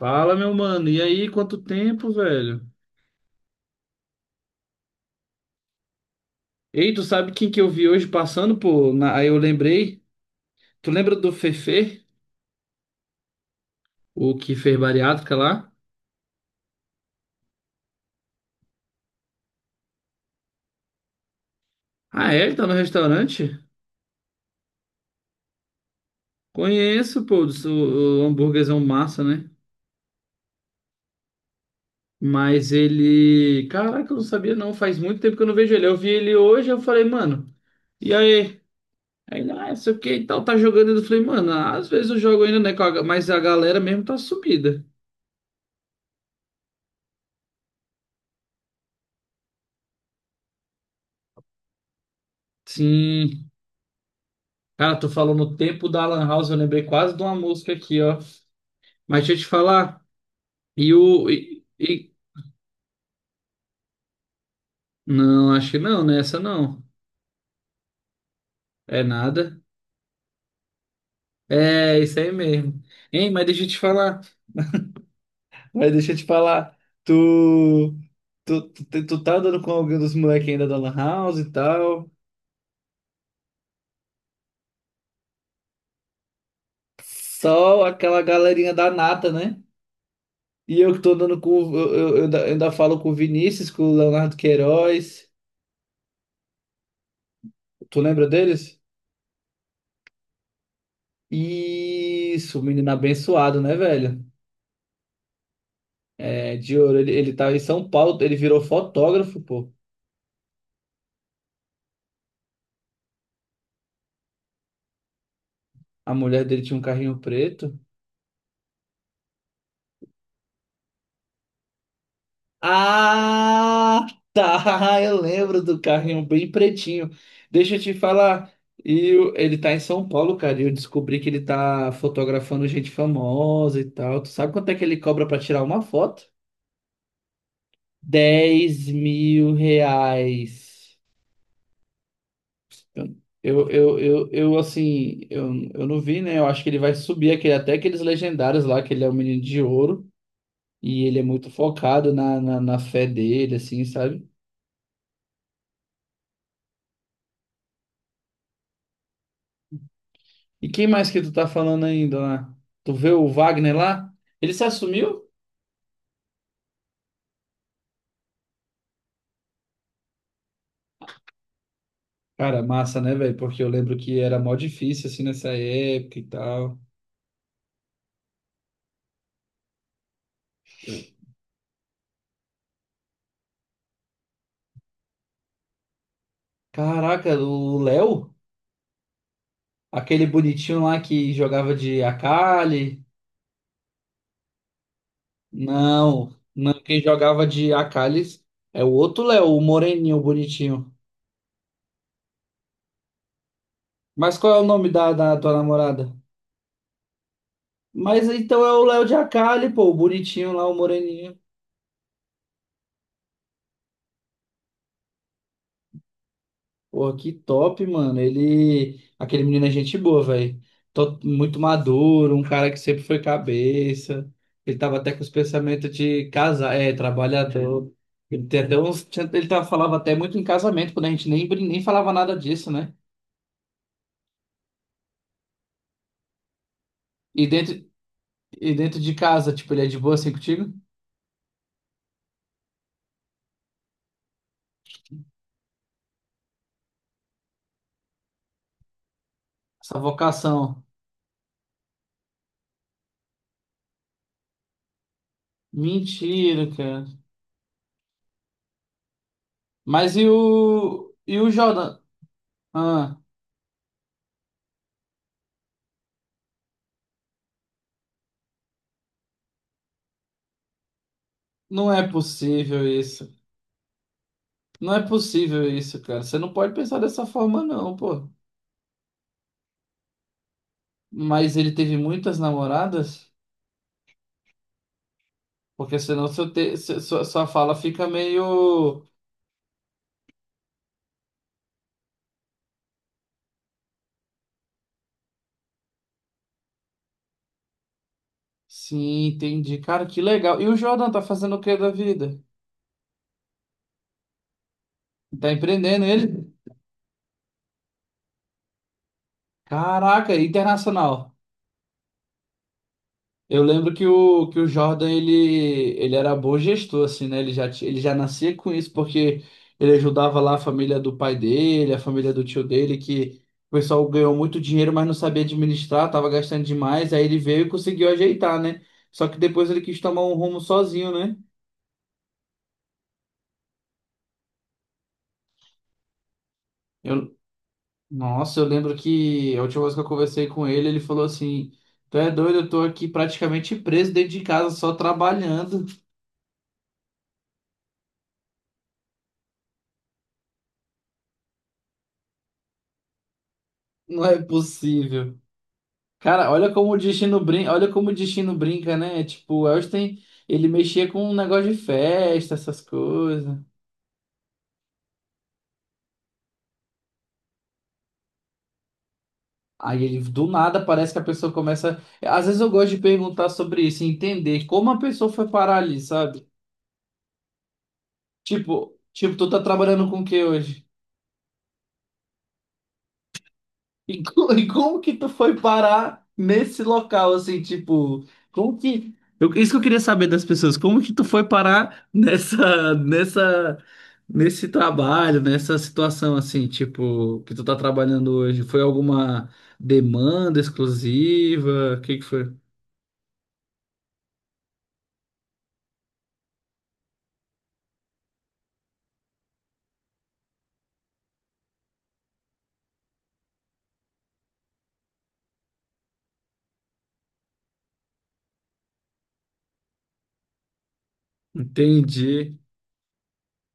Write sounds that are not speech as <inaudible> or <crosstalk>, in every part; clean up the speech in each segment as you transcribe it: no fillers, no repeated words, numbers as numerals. Fala, meu mano. E aí, quanto tempo, velho? Ei, tu sabe quem que eu vi hoje passando, pô? Aí eu lembrei. Tu lembra do Fefe, o que fez bariátrica lá? Ah, é? Ele tá no restaurante? Conheço, pô, o hambúrguerzão massa, né? Mas ele. Caraca, eu não sabia não. Faz muito tempo que eu não vejo ele. Eu vi ele hoje, eu falei, mano, e aí? Aí, ele, ah, não sei o que e tal, tá jogando. Eu falei, mano, às vezes eu jogo ainda, né? Mas a galera mesmo tá sumida. Sim. Cara, tu falou no tempo da Lan House, eu lembrei quase de uma música aqui, ó. Mas deixa eu te falar, e o. E, e- Não, acho que não, né? Essa não. É nada. É, isso aí mesmo. Hein, mas deixa eu te falar. Mas deixa eu te falar. Tu. Tu tá andando com alguém dos moleques ainda da Lan House e tal. Só aquela galerinha da nata, né? E eu que tô andando com. Eu ainda falo com o Vinícius, com o Leonardo Queiroz. Tu lembra deles? Isso, menino abençoado, né, velho? É, de ouro, ele tava em São Paulo, ele virou fotógrafo, pô. A mulher dele tinha um carrinho preto. Ah, tá, <laughs> eu lembro do carrinho bem pretinho. Deixa eu te falar. Ele tá em São Paulo, cara, e eu descobri que ele tá fotografando gente famosa e tal. Tu sabe quanto é que ele cobra pra tirar uma foto? R$ 10.000. Eu assim, eu não vi, né? Eu acho que ele vai subir aquele, até aqueles legendários lá, que ele é um menino de ouro, e ele é muito focado na fé dele, assim, sabe? E quem mais que tu tá falando ainda lá? Tu vê o Wagner lá? Ele se assumiu? Cara, massa, né, velho? Porque eu lembro que era mó difícil, assim, nessa época e tal. Caraca, o Léo? Aquele bonitinho lá que jogava de Akali. Não, não, quem jogava de Akali é o outro Léo, o moreninho, o bonitinho. Mas qual é o nome da tua namorada? Mas então é o Léo de Akali, pô, o bonitinho lá, o moreninho. Pô, que top, mano. Ele, aquele menino é gente boa, velho. Tô muito maduro, um cara que sempre foi cabeça. Ele tava até com os pensamentos de casar, é, trabalhador. Ele tem até uns, tinha- ele tava, falava até muito em casamento, quando a gente nem, brin- nem falava nada disso, né? E dentro, E dentro de casa, tipo, ele é de boa assim contigo? Essa vocação. Mentira, cara. E o Jordan? Ah, não é possível isso. Não é possível isso, cara. Você não pode pensar dessa forma, não, pô. Mas ele teve muitas namoradas? Porque senão seu te... se- sua, sua fala fica meio. Sim, entendi. Cara, que legal. E o Jordan tá fazendo o que da vida? Tá empreendendo ele? Caraca, internacional. Eu lembro que o Jordan, ele era bom gestor, assim, né? Ele já nascia com isso, porque ele ajudava lá a família do pai dele, a família do tio dele, que o pessoal ganhou muito dinheiro, mas não sabia administrar, tava gastando demais, aí ele veio e conseguiu ajeitar, né? Só que depois ele quis tomar um rumo sozinho, né? Eu, nossa, eu lembro que a última vez que eu conversei com ele, ele falou assim, tu é doido, eu tô aqui praticamente preso dentro de casa, só trabalhando. <laughs> Não é possível. Cara, olha como o destino brinca, olha como o destino brinca, né? Tipo, o Elsten, ele mexia com um negócio de festa, essas coisas. Aí ele, do nada parece que a pessoa começa. Às vezes eu gosto de perguntar sobre isso, entender como a pessoa foi parar ali, sabe? Tipo, tu tá trabalhando com o que hoje? E como que tu foi parar nesse local, assim, tipo, isso que eu queria saber das pessoas, como que tu foi parar <laughs> nesse trabalho, nessa situação, assim, tipo, que tu tá trabalhando hoje? Foi alguma demanda exclusiva? O que que foi? Entendi.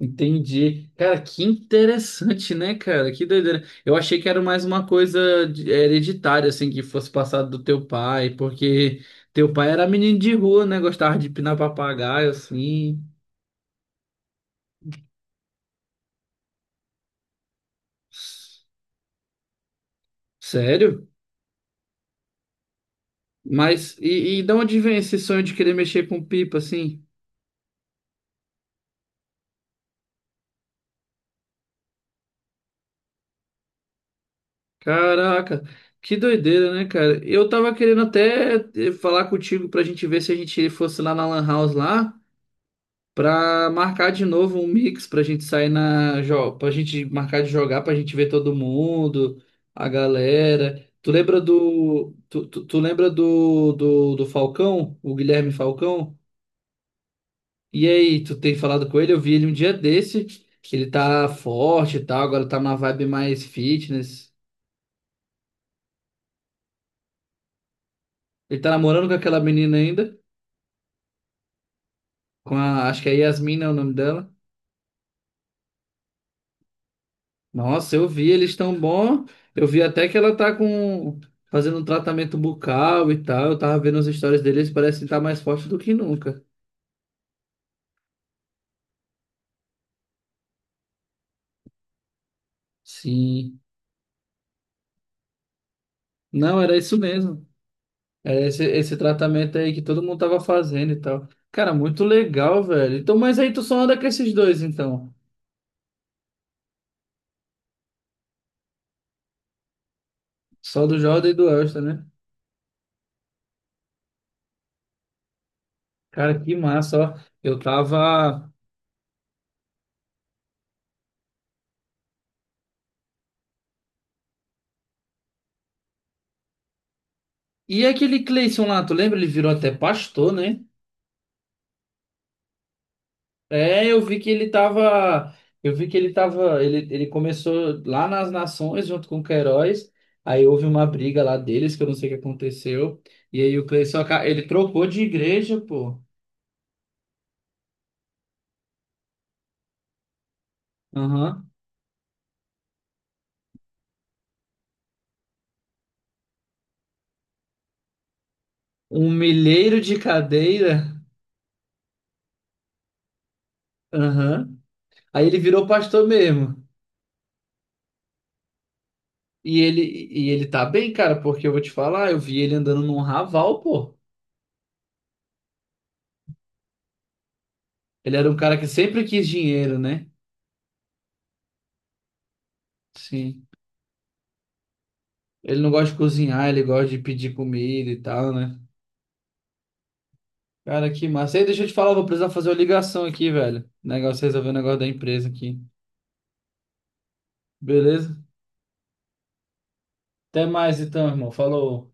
Entendi. Cara, que interessante, né, cara? Que doideira. Eu achei que era mais uma coisa hereditária, assim, que fosse passado do teu pai, porque teu pai era menino de rua, né? Gostava de pinar papagaio, assim. Sério? Mas, e de onde vem esse sonho de querer mexer com pipa, assim? Caraca, que doideira, né, cara? Eu tava querendo até falar contigo pra gente ver se a gente fosse lá na Lan House lá. Pra marcar de novo um mix pra gente sair na. Jo- Pra gente marcar de jogar, pra gente ver todo mundo, a galera. Tu lembra do Falcão? O Guilherme Falcão? E aí, tu tem falado com ele? Eu vi ele um dia desse. Ele tá forte e tal, agora tá numa vibe mais fitness. Ele tá namorando com aquela menina ainda. Acho que é Yasmin, é o nome dela. Nossa, eu vi, eles tão bom. Eu vi até que ela tá com fazendo um tratamento bucal e tal. Eu tava vendo as histórias deles, parece que tá mais forte do que nunca. Sim. Não, era isso mesmo. Era esse, esse tratamento aí que todo mundo tava fazendo e tal. Cara, muito legal, velho. Então, mas aí tu só anda com esses dois, então. Só do Jordan e do Elston, né? Cara, que massa, ó. Eu tava. E aquele Cleison lá, tu lembra? Ele virou até pastor, né? É, Eu vi que ele tava. Ele começou lá nas Nações junto com o Queiroz. Aí houve uma briga lá deles, que eu não sei o que aconteceu. E aí o Cleiton, ele trocou de igreja, pô. Aham. Um milheiro de cadeira. Aham. Aí ele virou pastor mesmo. E ele, e ele tá bem, cara, porque eu vou te falar, eu vi ele andando num raval, pô. Ele era um cara que sempre quis dinheiro, né? Sim. Ele não gosta de cozinhar, ele gosta de pedir comida e tal, né? Cara, que massa. Ei, deixa eu te falar, vou precisar fazer uma ligação aqui, velho. Negócio, resolver o negócio da empresa aqui. Beleza? Até mais então, irmão. Falou.